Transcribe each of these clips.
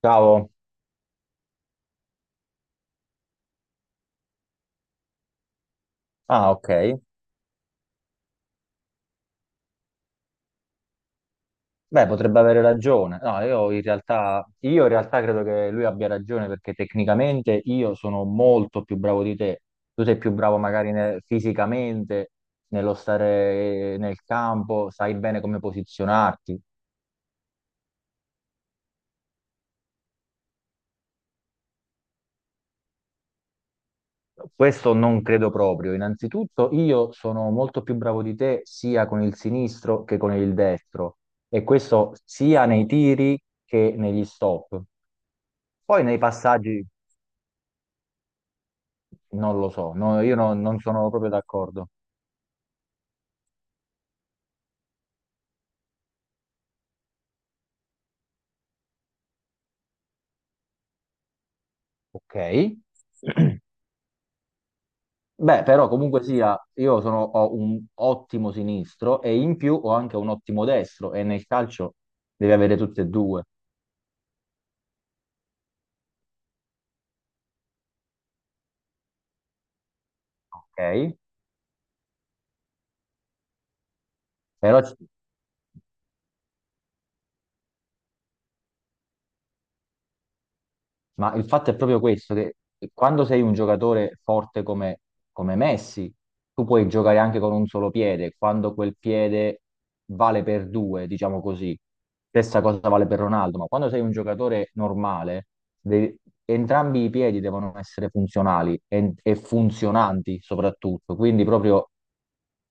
Ciao. Ah, ok. Beh, potrebbe avere ragione. No, io in realtà credo che lui abbia ragione perché tecnicamente io sono molto più bravo di te. Tu sei più bravo magari fisicamente, nello stare nel campo, sai bene come posizionarti. Questo non credo proprio. Innanzitutto, io sono molto più bravo di te sia con il sinistro che con il destro, e questo sia nei tiri che negli stop. Poi nei passaggi. Non lo so, no, io no- non sono proprio d'accordo. Ok. Beh, però comunque sia, ho un ottimo sinistro e in più ho anche un ottimo destro e nel calcio devi avere tutte e due, ok? Però, ma il fatto è proprio questo, che quando sei un giocatore forte come Messi, tu puoi giocare anche con un solo piede, quando quel piede vale per due, diciamo così. Stessa cosa vale per Ronaldo, ma quando sei un giocatore normale, devi- entrambi i piedi devono essere funzionali e funzionanti soprattutto. Quindi proprio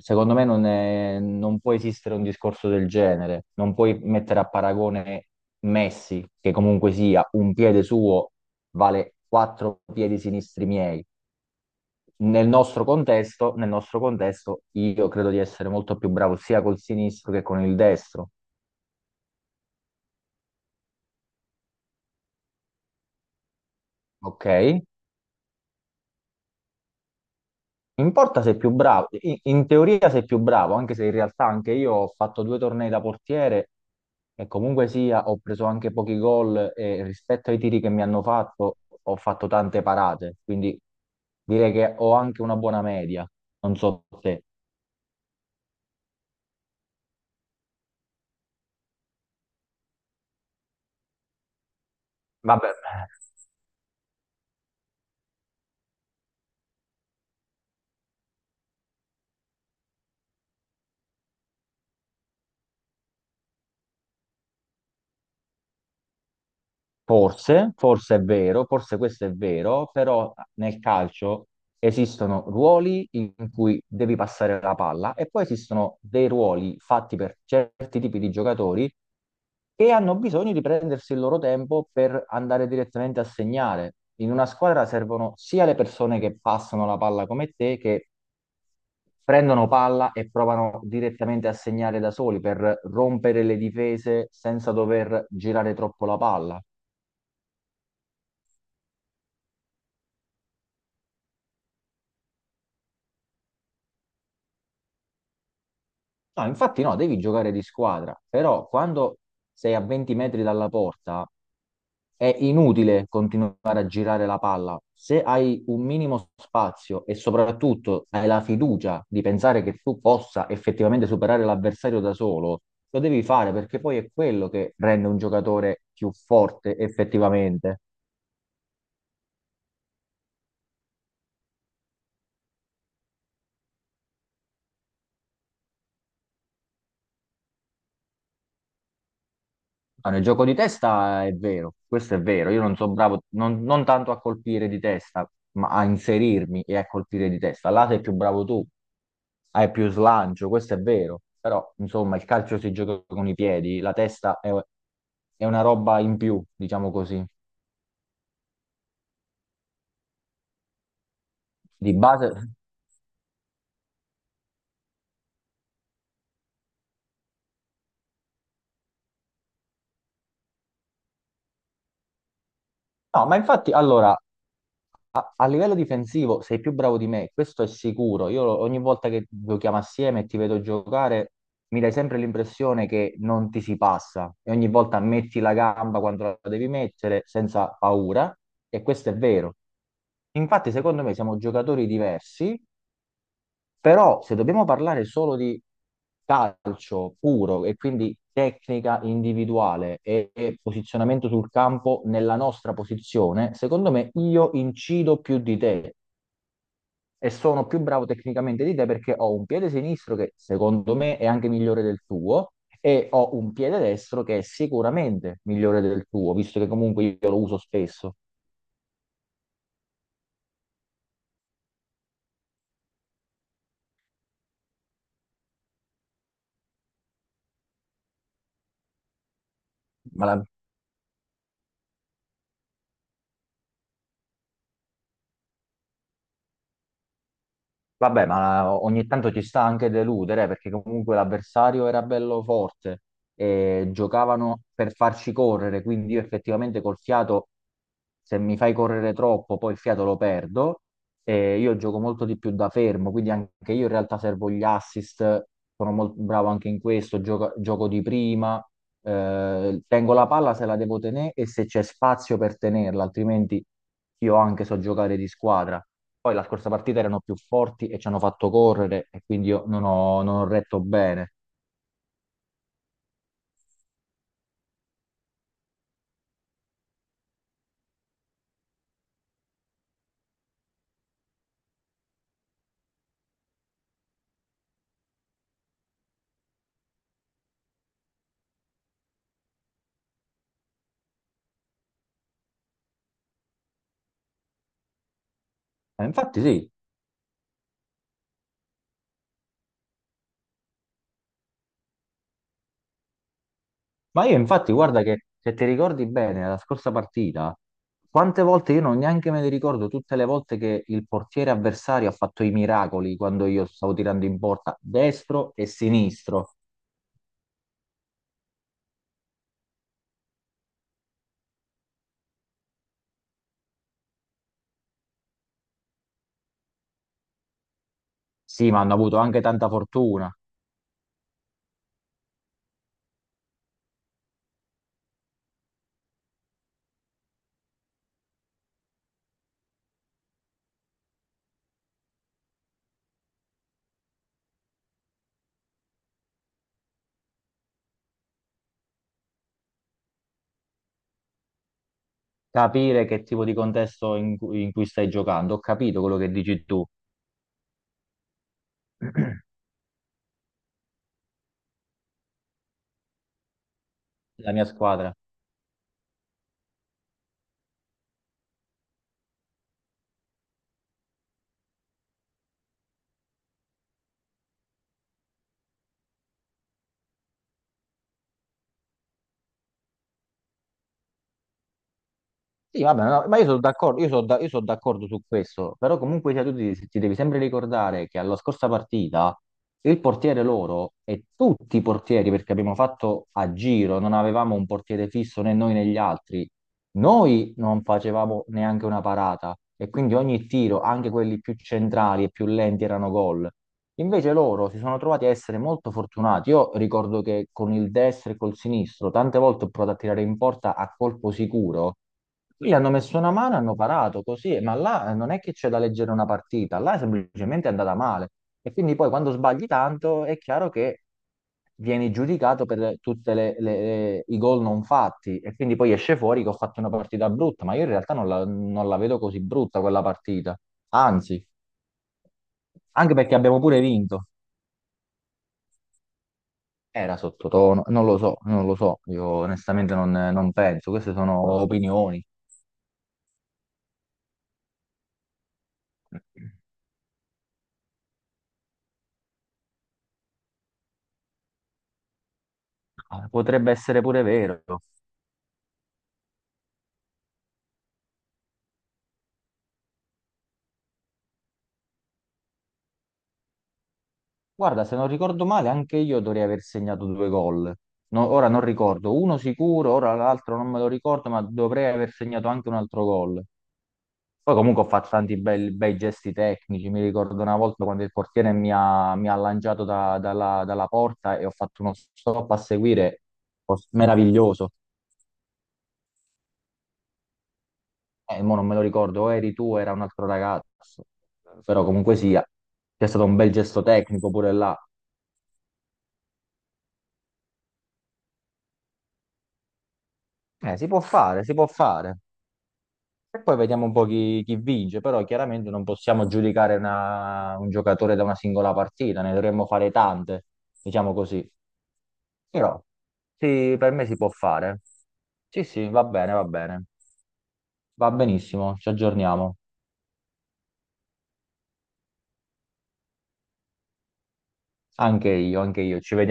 secondo me non può esistere un discorso del genere, non puoi mettere a paragone Messi, che comunque sia un piede suo vale quattro piedi sinistri miei. Nel nostro contesto, io credo di essere molto più bravo sia col sinistro che con il destro, ok? In porta sei più bravo, in teoria sei più bravo, anche se in realtà anche io ho fatto due tornei da portiere e comunque sia ho preso anche pochi gol e rispetto ai tiri che mi hanno fatto ho fatto tante parate, quindi direi che ho anche una buona media, non so te. Vabbè, forse è vero, forse questo è vero, però nel calcio esistono ruoli in cui devi passare la palla e poi esistono dei ruoli fatti per certi tipi di giocatori che hanno bisogno di prendersi il loro tempo per andare direttamente a segnare. In una squadra servono sia le persone che passano la palla come te, che prendono palla e provano direttamente a segnare da soli per rompere le difese senza dover girare troppo la palla. No, infatti no, devi giocare di squadra, però quando sei a 20 metri dalla porta è inutile continuare a girare la palla. Se hai un minimo spazio e soprattutto hai la fiducia di pensare che tu possa effettivamente superare l'avversario da solo, lo devi fare perché poi è quello che rende un giocatore più forte effettivamente. Ah, nel gioco di testa è vero, questo è vero. Io non sono bravo non tanto a colpire di testa, ma a inserirmi e a colpire di testa. Là sei più bravo tu, hai più slancio, questo è vero. Però, insomma, il calcio si gioca con i piedi, la testa è una roba in più, diciamo così. Di base. No, ma infatti, allora, a livello difensivo sei più bravo di me, questo è sicuro. Io ogni volta che giochiamo assieme e ti vedo giocare, mi dai sempre l'impressione che non ti si passa e ogni volta metti la gamba quando la devi mettere senza paura e questo è vero. Infatti, secondo me siamo giocatori diversi però se dobbiamo parlare solo di calcio puro e quindi tecnica individuale e posizionamento sul campo nella nostra posizione, secondo me io incido più di te e sono più bravo tecnicamente di te perché ho un piede sinistro che secondo me è anche migliore del tuo e ho un piede destro che è sicuramente migliore del tuo, visto che comunque io lo uso spesso. Ma la- Vabbè, ma ogni tanto ci sta anche deludere perché comunque l'avversario era bello forte e giocavano per farci correre, quindi io effettivamente col fiato, se mi fai correre troppo, poi il fiato lo perdo e io gioco molto di più da fermo, quindi anche io in realtà servo gli assist, sono molto bravo anche in questo, gioco di prima, tengo la palla se la devo tenere e se c'è spazio per tenerla, altrimenti io anche so giocare di squadra. Poi la scorsa partita erano più forti e ci hanno fatto correre e quindi io non ho, non ho retto bene. Infatti sì, ma io infatti guarda che se ti ricordi bene la scorsa partita, quante volte io non neanche me ne ricordo tutte le volte che il portiere avversario ha fatto i miracoli quando io stavo tirando in porta destro e sinistro. Sì, ma hanno avuto anche tanta fortuna. Capire che tipo di contesto in cui stai giocando, ho capito quello che dici tu, la mia squadra. Sì, vabbè, no, ma io sono d'accordo, io sono d'accordo su questo, però comunque sia, ti devi sempre ricordare che alla scorsa partita il portiere loro e tutti i portieri, perché abbiamo fatto a giro, non avevamo un portiere fisso né noi né gli altri, noi non facevamo neanche una parata e quindi ogni tiro, anche quelli più centrali e più lenti, erano gol. Invece loro si sono trovati a essere molto fortunati. Io ricordo che con il destro e col sinistro tante volte ho provato a tirare in porta a colpo sicuro. Lì hanno messo una mano, hanno parato così, ma là non è che c'è da leggere una partita, là è semplicemente andata male. E quindi poi quando sbagli tanto è chiaro che vieni giudicato per tutti i gol non fatti e quindi poi esce fuori che ho fatto una partita brutta, ma io in realtà non la vedo così brutta quella partita. Anzi, anche perché abbiamo pure vinto. Era sottotono, non lo so, non lo so, io onestamente non penso, queste sono opinioni. Ah, potrebbe essere pure vero. Guarda, se non ricordo male, anche io dovrei aver segnato due gol. No, ora non ricordo, uno sicuro, ora l'altro non me lo ricordo, ma dovrei aver segnato anche un altro gol. Poi comunque ho fatto tanti bei gesti tecnici, mi ricordo una volta quando il portiere mi ha lanciato dalla porta e ho fatto uno stop a seguire, meraviglioso. Mo non me lo ricordo, o eri tu o era un altro ragazzo, però comunque sia, c'è stato un bel gesto tecnico pure là. Si può fare, si può fare. E poi vediamo un po' chi vince, però chiaramente non possiamo giudicare un giocatore da una singola partita, ne dovremmo fare tante, diciamo così. Però sì, per me si può fare. Sì, sì, va bene, va bene. Va benissimo, ci aggiorniamo. Anche io, ci vediamo.